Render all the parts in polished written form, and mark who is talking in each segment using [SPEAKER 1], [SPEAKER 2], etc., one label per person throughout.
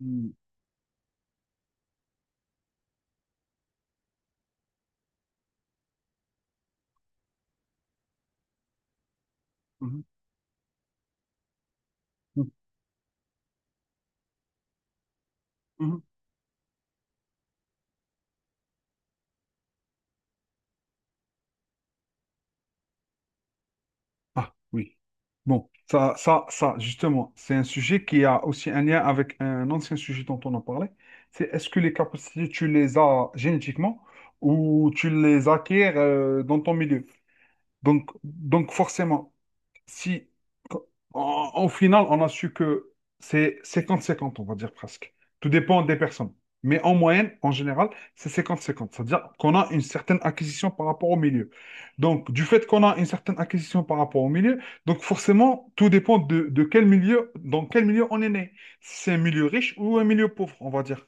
[SPEAKER 1] Mhm, mhm, mhm, mhm. Ah oui. Bon, ça, justement, c'est un sujet qui a aussi un lien avec un ancien sujet dont on a parlé. C'est Est-ce que les capacités, tu les as génétiquement ou tu les acquiers dans ton milieu? Donc forcément, si, en finale, on a su que c'est 50-50, on va dire presque. Tout dépend des personnes. Mais en moyenne, en général, c'est 50-50. Cest C'est-à-dire qu'on a une certaine acquisition par rapport au milieu. Donc, du fait qu'on a une certaine acquisition par rapport au milieu, donc forcément, tout dépend dans quel milieu on est né. Si c'est un milieu riche ou un milieu pauvre, on va dire.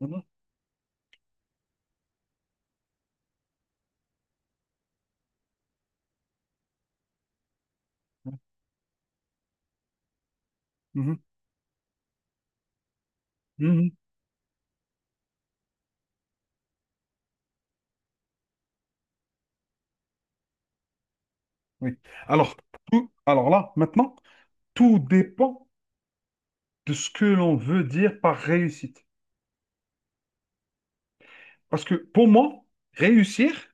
[SPEAKER 1] Mhm, mhm, mhm, oui. Alors, alors là, maintenant, tout dépend de ce que l'on veut dire par réussite. Parce que pour moi, réussir,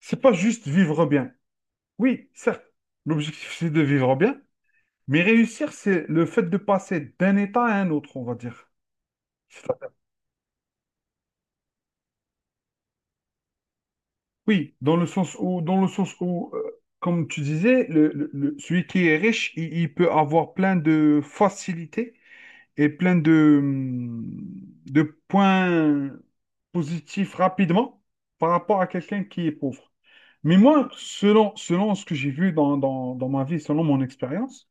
[SPEAKER 1] c'est pas juste vivre bien. Oui, certes, l'objectif, c'est de vivre bien, mais réussir, c'est le fait de passer d'un état à un autre, on va dire. C'est-à-dire, oui, dans le sens où, dans le sens où, comme tu disais, celui qui est riche, il peut avoir plein de facilités et plein de points positifs rapidement par rapport à quelqu'un qui est pauvre. Mais moi, selon ce que j'ai vu dans ma vie, selon mon expérience,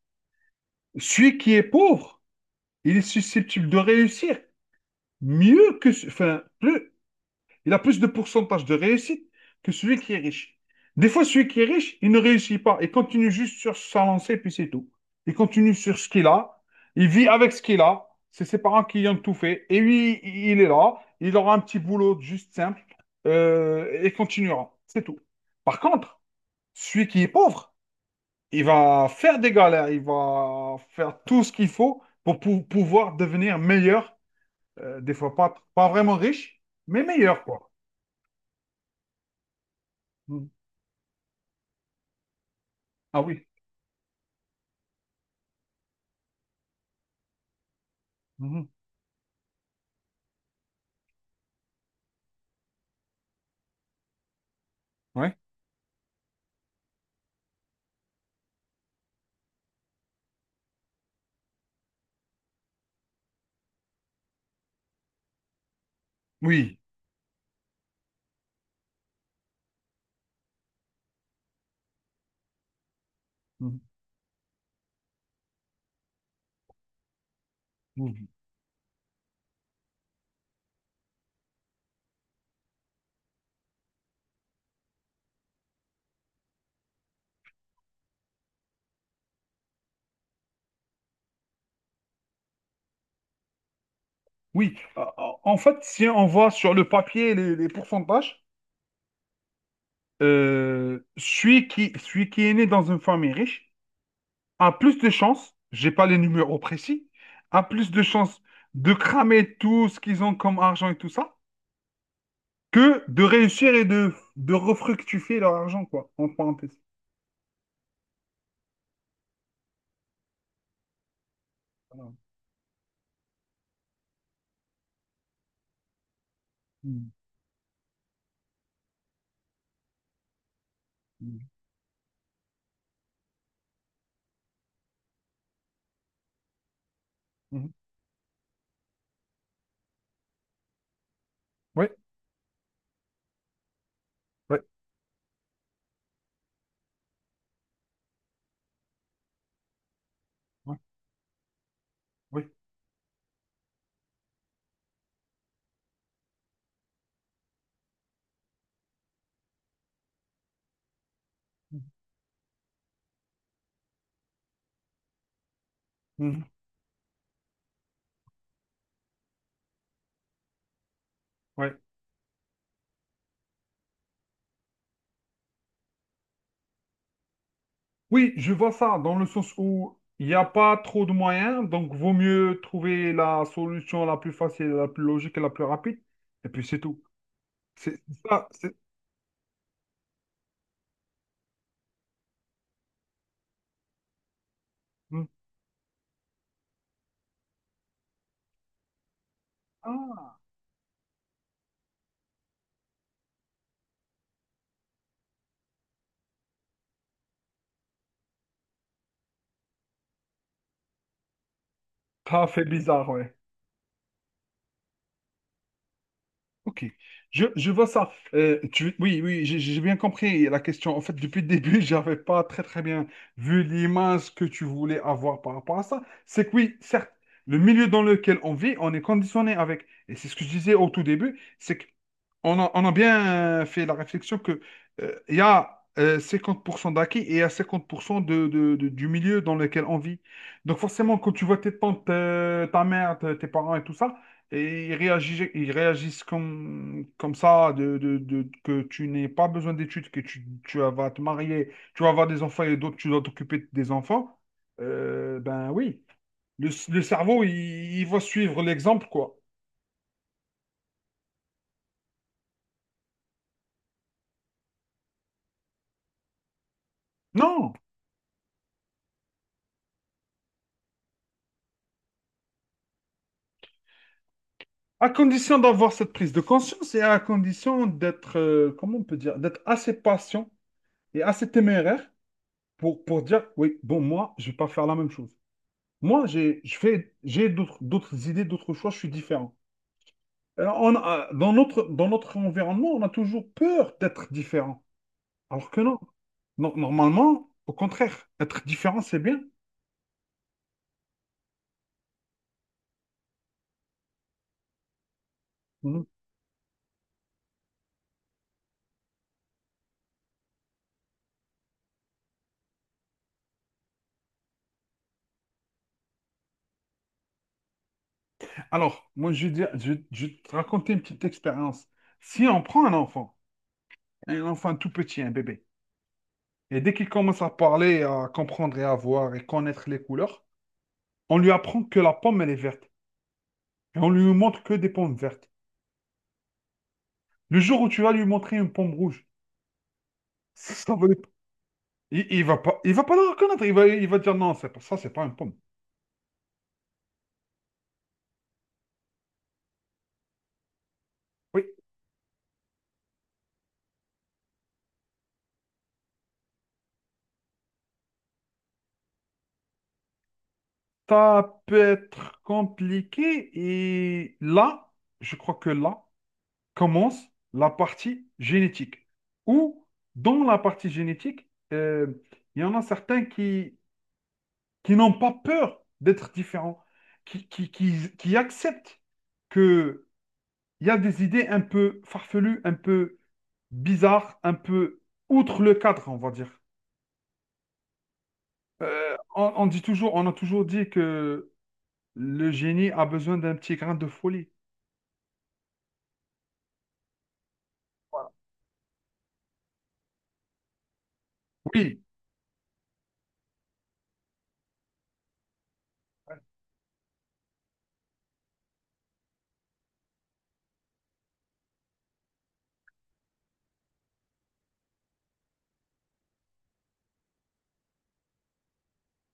[SPEAKER 1] celui qui est pauvre, il est susceptible de réussir mieux que, enfin, plus, il a plus de pourcentage de réussite que celui qui est riche. Des fois, celui qui est riche, il ne réussit pas. Il continue juste sur sa lancée, puis c'est tout. Il continue sur ce qu'il a. Il vit avec ce qu'il a. C'est ses parents qui lui ont tout fait. Et lui, il est là. Il aura un petit boulot juste simple, et continuera. C'est tout. Par contre, celui qui est pauvre, il va faire des galères. Il va faire tout ce qu'il faut pour, pouvoir devenir meilleur. Des fois, pas vraiment riche, mais meilleur, quoi. Mm. Ah oui. Mhm. Ouais. Oui. Mhm. Mhm. Oui. En fait, si on voit sur le papier les pourcentages, celui qui est né dans une famille riche a plus de chances, j'ai pas les numéros précis, a plus de chances de cramer tout ce qu'ils ont comme argent et tout ça, que de réussir et de refructifier leur argent, quoi, en parenthèse. Voilà. Mhm. Mhm. Ouais. Ouais. Ouais. Oui. Oui. Mhm. Ouais. Oui, je vois ça dans le sens où il n'y a pas trop de moyens, donc vaut mieux trouver la solution la plus facile, la plus logique et la plus rapide, et puis c'est tout. C'est ça. Hmm. Ah, ça fait bizarre, ouais. Ok, je vois ça. Oui, oui, j'ai bien compris la question. En fait, depuis le début, j'avais pas très très bien vu l'image que tu voulais avoir par rapport à ça. C'est que oui, certes, le milieu dans lequel on vit, on est conditionné avec. Et c'est ce que je disais au tout début, c'est que on a bien fait la réflexion que il y a 50% d'acquis et il y a 50% du milieu dans lequel on vit. Donc forcément, quand tu vois tes tantes, ta mère, tes parents et tout ça, et ils réagissent comme, comme ça, que tu n'aies pas besoin d'études, que tu vas te marier, tu vas avoir des enfants et d'autres, tu dois t'occuper des enfants. Ben oui, le cerveau, il va suivre l'exemple, quoi. Non, à condition d'avoir cette prise de conscience et à condition d'être, comment on peut dire, d'être assez patient et assez téméraire pour, dire, oui, bon, moi, je vais pas faire la même chose. Moi, j'ai d'autres, d'autres idées, d'autres choix, je suis différent. Dans notre environnement, on a toujours peur d'être différent. Alors que non. Non, normalement, au contraire, être différent, c'est bien. Mhm. Alors, moi, je vais te raconter une petite expérience. Si on prend un enfant tout petit, un bébé, et dès qu'il commence à parler, à comprendre et à voir et connaître les couleurs, on lui apprend que la pomme, elle est verte. Et on lui montre que des pommes vertes. Le jour où tu vas lui montrer une pomme rouge, ça va, il va pas la reconnaître. Il va dire non, c'est pas ça, c'est pas une pomme. Oui, ça peut être compliqué et là, je crois que là commence la partie génétique. Ou dans la partie génétique, il y en a certains qui, n'ont pas peur d'être différents, qui acceptent qu'il y a des idées un peu farfelues, un peu bizarres, un peu outre le cadre, on va dire. On dit toujours, on a toujours dit que le génie a besoin d'un petit grain de folie. Oui,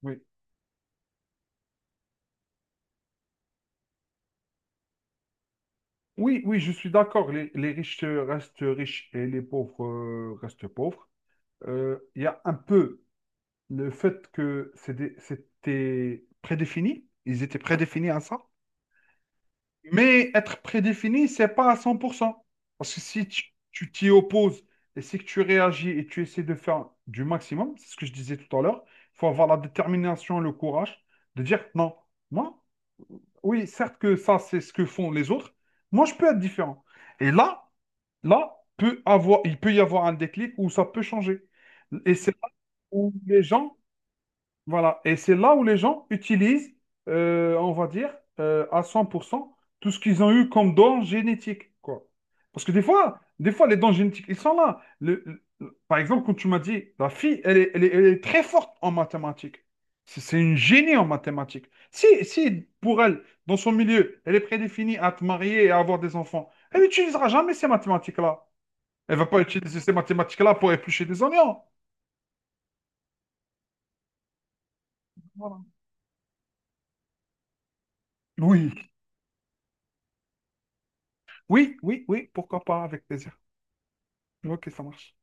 [SPEAKER 1] oui, oui, oui, je suis d'accord. Les riches, restent riches et les pauvres, restent pauvres. Il y a un peu le fait que c'était prédéfini. Ils étaient prédéfinis à ça. Mais être prédéfini, c'est pas à 100%. Parce que si tu t'y opposes et si que tu réagis et tu essaies de faire du maximum, c'est ce que je disais tout à l'heure, il faut avoir la détermination, le courage de dire non. Moi, oui, certes que ça, c'est ce que font les autres. Moi, je peux être différent. Et là, il peut y avoir un déclic où ça peut changer. Et c'est là où les gens voilà, et c'est là où les gens utilisent, on va dire, à 100% tout ce qu'ils ont eu comme don génétique, quoi. Parce que des fois, les dons génétiques, ils sont là. Par exemple, quand tu m'as dit, la fille, elle est très forte en mathématiques. C'est une génie en mathématiques. Si, si, Pour elle, dans son milieu, elle est prédéfinie à te marier et à avoir des enfants, elle n'utilisera jamais ces mathématiques-là. Elle va pas utiliser ces mathématiques-là pour éplucher des oignons. Voilà. Oui. Oui, oui, oui, pourquoi pas, avec plaisir. Ok, ça marche.